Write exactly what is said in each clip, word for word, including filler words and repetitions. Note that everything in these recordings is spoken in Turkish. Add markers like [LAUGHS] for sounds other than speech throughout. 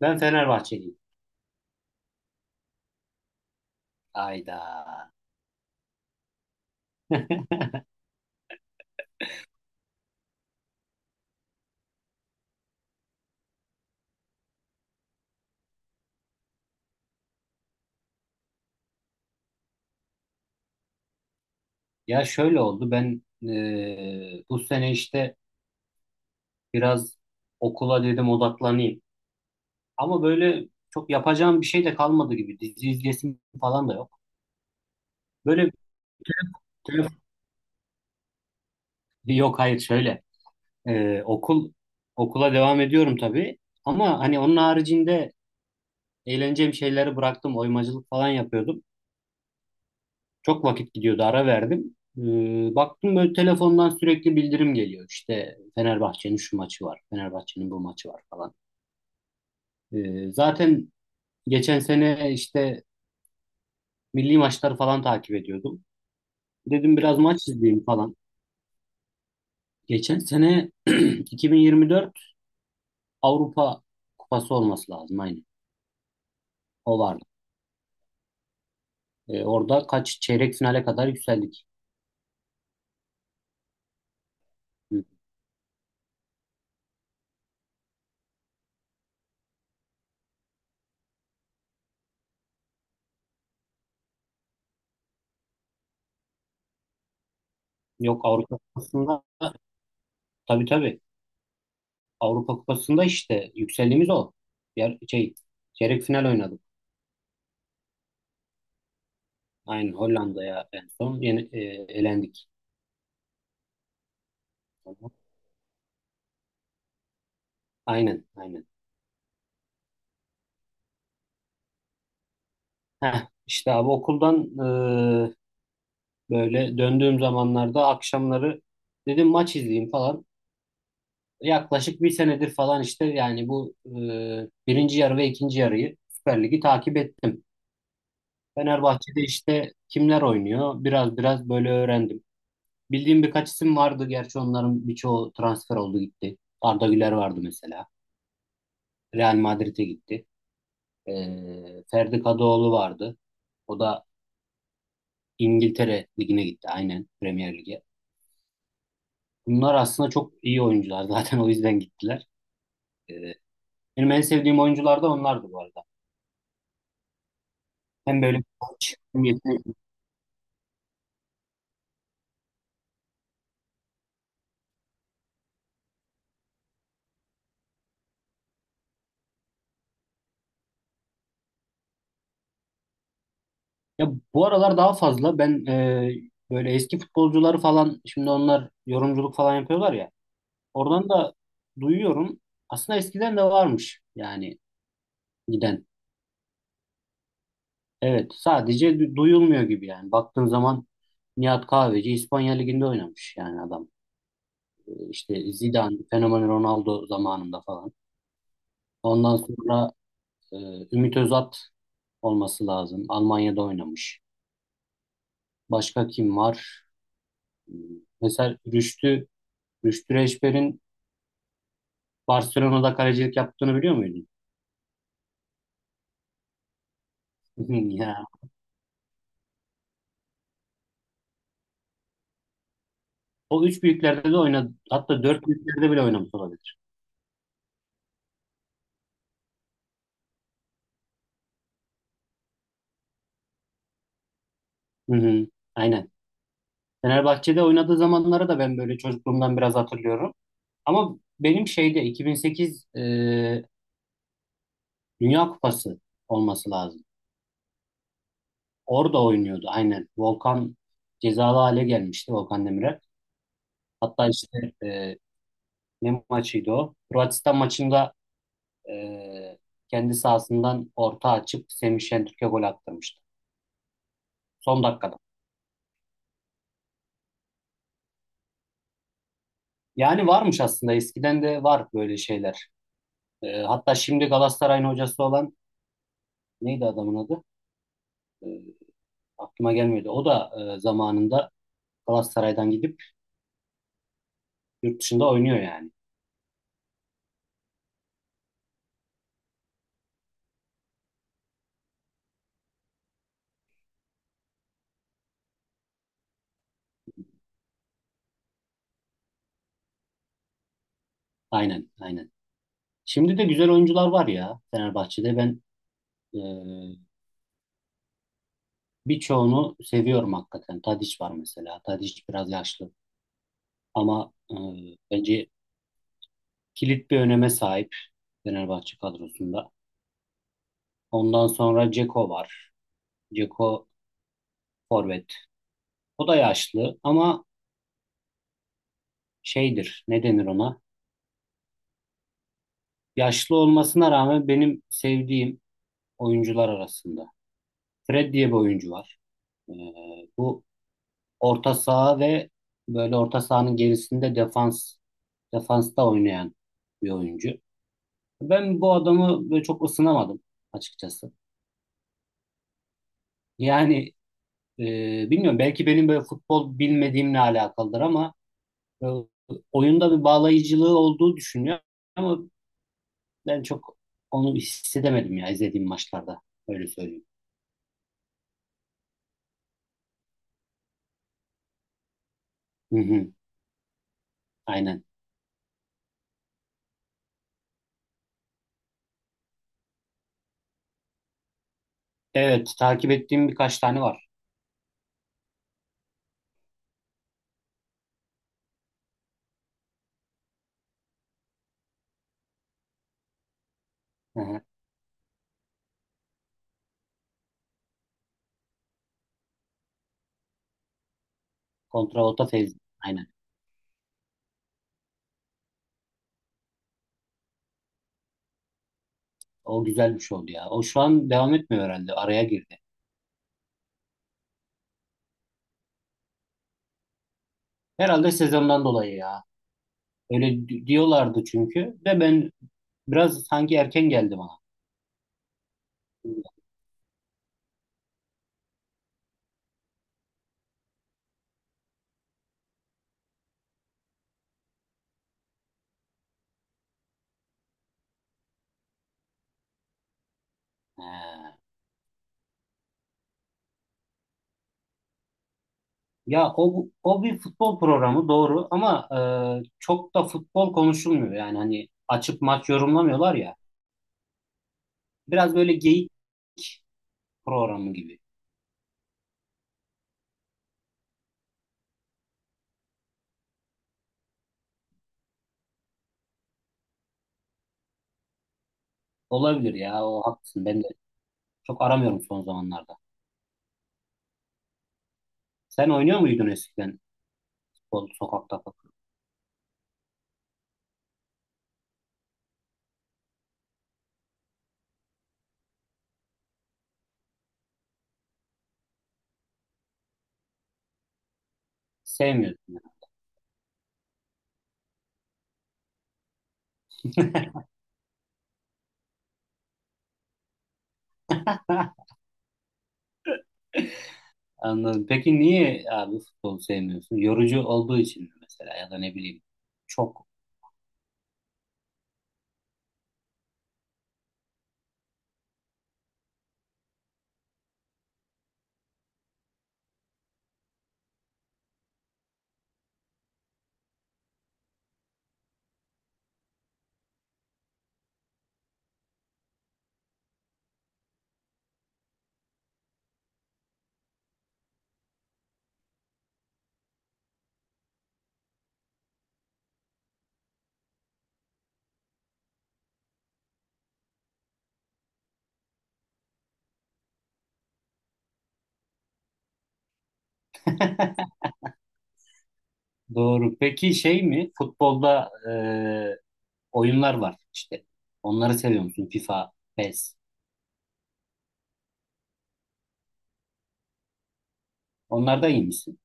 Ben Fenerbahçeliyim. Ayda. Ya şöyle oldu. Ben e, bu sene işte biraz okula dedim odaklanayım. Ama böyle çok yapacağım bir şey de kalmadı gibi. Dizi izlesim falan da yok. Böyle telef- Yok hayır şöyle. E, okul okula devam ediyorum tabii. Ama hani onun haricinde eğleneceğim şeyleri bıraktım. Oymacılık falan yapıyordum. Çok vakit gidiyordu, ara verdim. Ee, baktım böyle telefondan sürekli bildirim geliyor. İşte Fenerbahçe'nin şu maçı var, Fenerbahçe'nin bu maçı var falan. Ee, zaten geçen sene işte milli maçları falan takip ediyordum. Dedim biraz maç izleyeyim falan. Geçen sene [CLEARS THROAT] iki bin yirmi dört Avrupa Kupası olması lazım aynı. O vardı. Ee, orada kaç çeyrek finale kadar yükseldik. Yok Avrupa Kupası'nda, tabii tabii, Avrupa Kupası'nda işte yükseldiğimiz o. Yer, şey, Çeyrek final oynadık. Aynen Hollanda'ya en son yeni, e, elendik. Aynen, aynen. Heh, işte abi okuldan e, böyle döndüğüm zamanlarda akşamları dedim maç izleyeyim falan. Yaklaşık bir senedir falan işte yani bu e, birinci yarı ve ikinci yarıyı Süper Lig'i takip ettim. Fenerbahçe'de işte kimler oynuyor biraz biraz böyle öğrendim. Bildiğim birkaç isim vardı. Gerçi onların birçoğu transfer oldu gitti. Arda Güler vardı mesela. Real Madrid'e gitti. Ee, Ferdi Kadıoğlu vardı. O da İngiltere Ligi'ne gitti. Aynen Premier Lig'e. Bunlar aslında çok iyi oyuncular. [LAUGHS] Zaten o yüzden gittiler. Ee, Benim en sevdiğim oyuncular da onlardı bu arada. Hem böyle koç, hem yetenekli. Ya bu aralar daha fazla ben e, böyle eski futbolcuları falan şimdi onlar yorumculuk falan yapıyorlar ya. Oradan da duyuyorum. Aslında eskiden de varmış yani giden. Evet, sadece du- duyulmuyor gibi yani. Baktığın zaman Nihat Kahveci İspanya Ligi'nde oynamış yani adam. Ee, İşte Zidane, Fenomen Ronaldo zamanında falan. Ondan sonra e, Ümit Özat olması lazım. Almanya'da oynamış. Başka kim var? Hmm, Mesela Rüştü, Rüştü Reçber'in Barcelona'da kalecilik yaptığını biliyor muydun? [LAUGHS] Ya. O üç büyüklerde de oynadı. Hatta dört büyüklerde bile oynamış olabilir. Hı hı, aynen. Fenerbahçe'de oynadığı zamanları da ben böyle çocukluğumdan biraz hatırlıyorum. Ama benim şeyde iki bin sekiz e, Dünya Kupası olması lazım. Orada oynuyordu aynen. Volkan cezalı hale gelmişti, Volkan Demirel. Hatta işte e, ne maçıydı o? Hırvatistan maçında e, kendi sahasından orta açıp Semih Şentürk'e gol attırmıştı. Son dakikada. Yani varmış, aslında eskiden de var böyle şeyler. E, hatta şimdi Galatasaray'ın hocası olan neydi adamın adı? Aklıma gelmedi. O da e, zamanında Galatasaray'dan gidip yurt dışında oynuyor yani. Aynen, aynen. Şimdi de güzel oyuncular var ya Fenerbahçe'de. Ben e, birçoğunu seviyorum hakikaten. Tadiç var mesela. Tadiç biraz yaşlı ama e, bence kilit bir öneme sahip Fenerbahçe kadrosunda. Ondan sonra Ceko var. Ceko forvet. O da yaşlı ama şeydir. Ne denir ona? Yaşlı olmasına rağmen benim sevdiğim oyuncular arasında. Fred diye bir oyuncu var. Ee, Bu orta saha ve böyle orta sahanın gerisinde defans defansta oynayan bir oyuncu. Ben bu adamı böyle çok ısınamadım açıkçası. Yani e, bilmiyorum, belki benim böyle futbol bilmediğimle alakalıdır ama e, oyunda bir bağlayıcılığı olduğu düşünüyorum ama ben çok onu hissedemedim ya izlediğim maçlarda, öyle söyleyeyim. Hı hı, aynen. Evet, takip ettiğim birkaç tane var. Hı hı. Kontravolta Fevzi. Aynen. O güzel bir şey oldu ya. O şu an devam etmiyor herhalde. Araya girdi. Herhalde sezondan dolayı ya. Öyle di- diyorlardı çünkü. De ben biraz sanki erken geldi bana. He. Ya o, o bir futbol programı doğru ama e, çok da futbol konuşulmuyor. Yani hani açıp maç yorumlamıyorlar ya. Biraz böyle geyik programı gibi. Olabilir ya, o haklısın. Ben de çok aramıyorum son zamanlarda. Sen oynuyor muydun eskiden futbol sokakta falan? Sevmiyordun. [LAUGHS] Anladım. Peki niye abi futbolu sevmiyorsun? Yorucu olduğu için mi mesela ya da ne bileyim. Çok doğru. Peki şey mi? Futbolda e, oyunlar var işte. Onları seviyor musun? FIFA, PES. Onlarda iyi misin?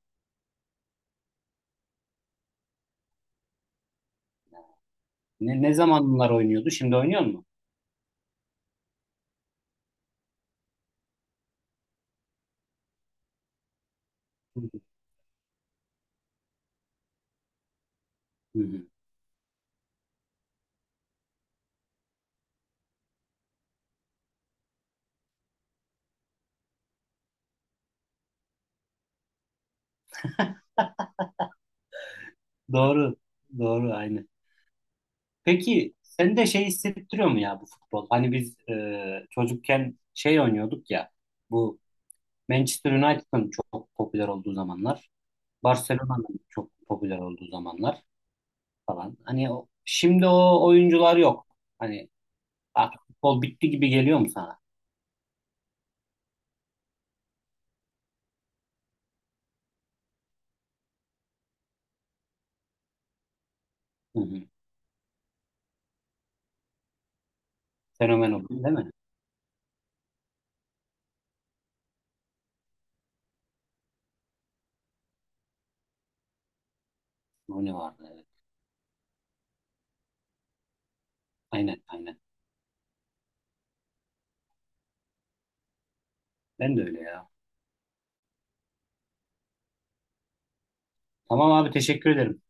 Ne, ne zaman bunlar oynuyordu? Şimdi oynuyor mu? Hı hı. Hı hı. Doğru. Doğru aynı. Peki sen de şey hissettiriyor mu ya, bu futbol? Hani biz e, çocukken şey oynuyorduk ya. Bu Manchester United'ın çok popüler olduğu zamanlar. Barcelona'nın çok popüler olduğu zamanlar falan. Hani o, şimdi o oyuncular yok. Hani artık futbol bitti gibi geliyor mu sana? Hı hı. Fenomen oldu değil mi? Rooney vardı, evet. Aynen, aynen. Ben de öyle ya. Tamam abi, teşekkür ederim.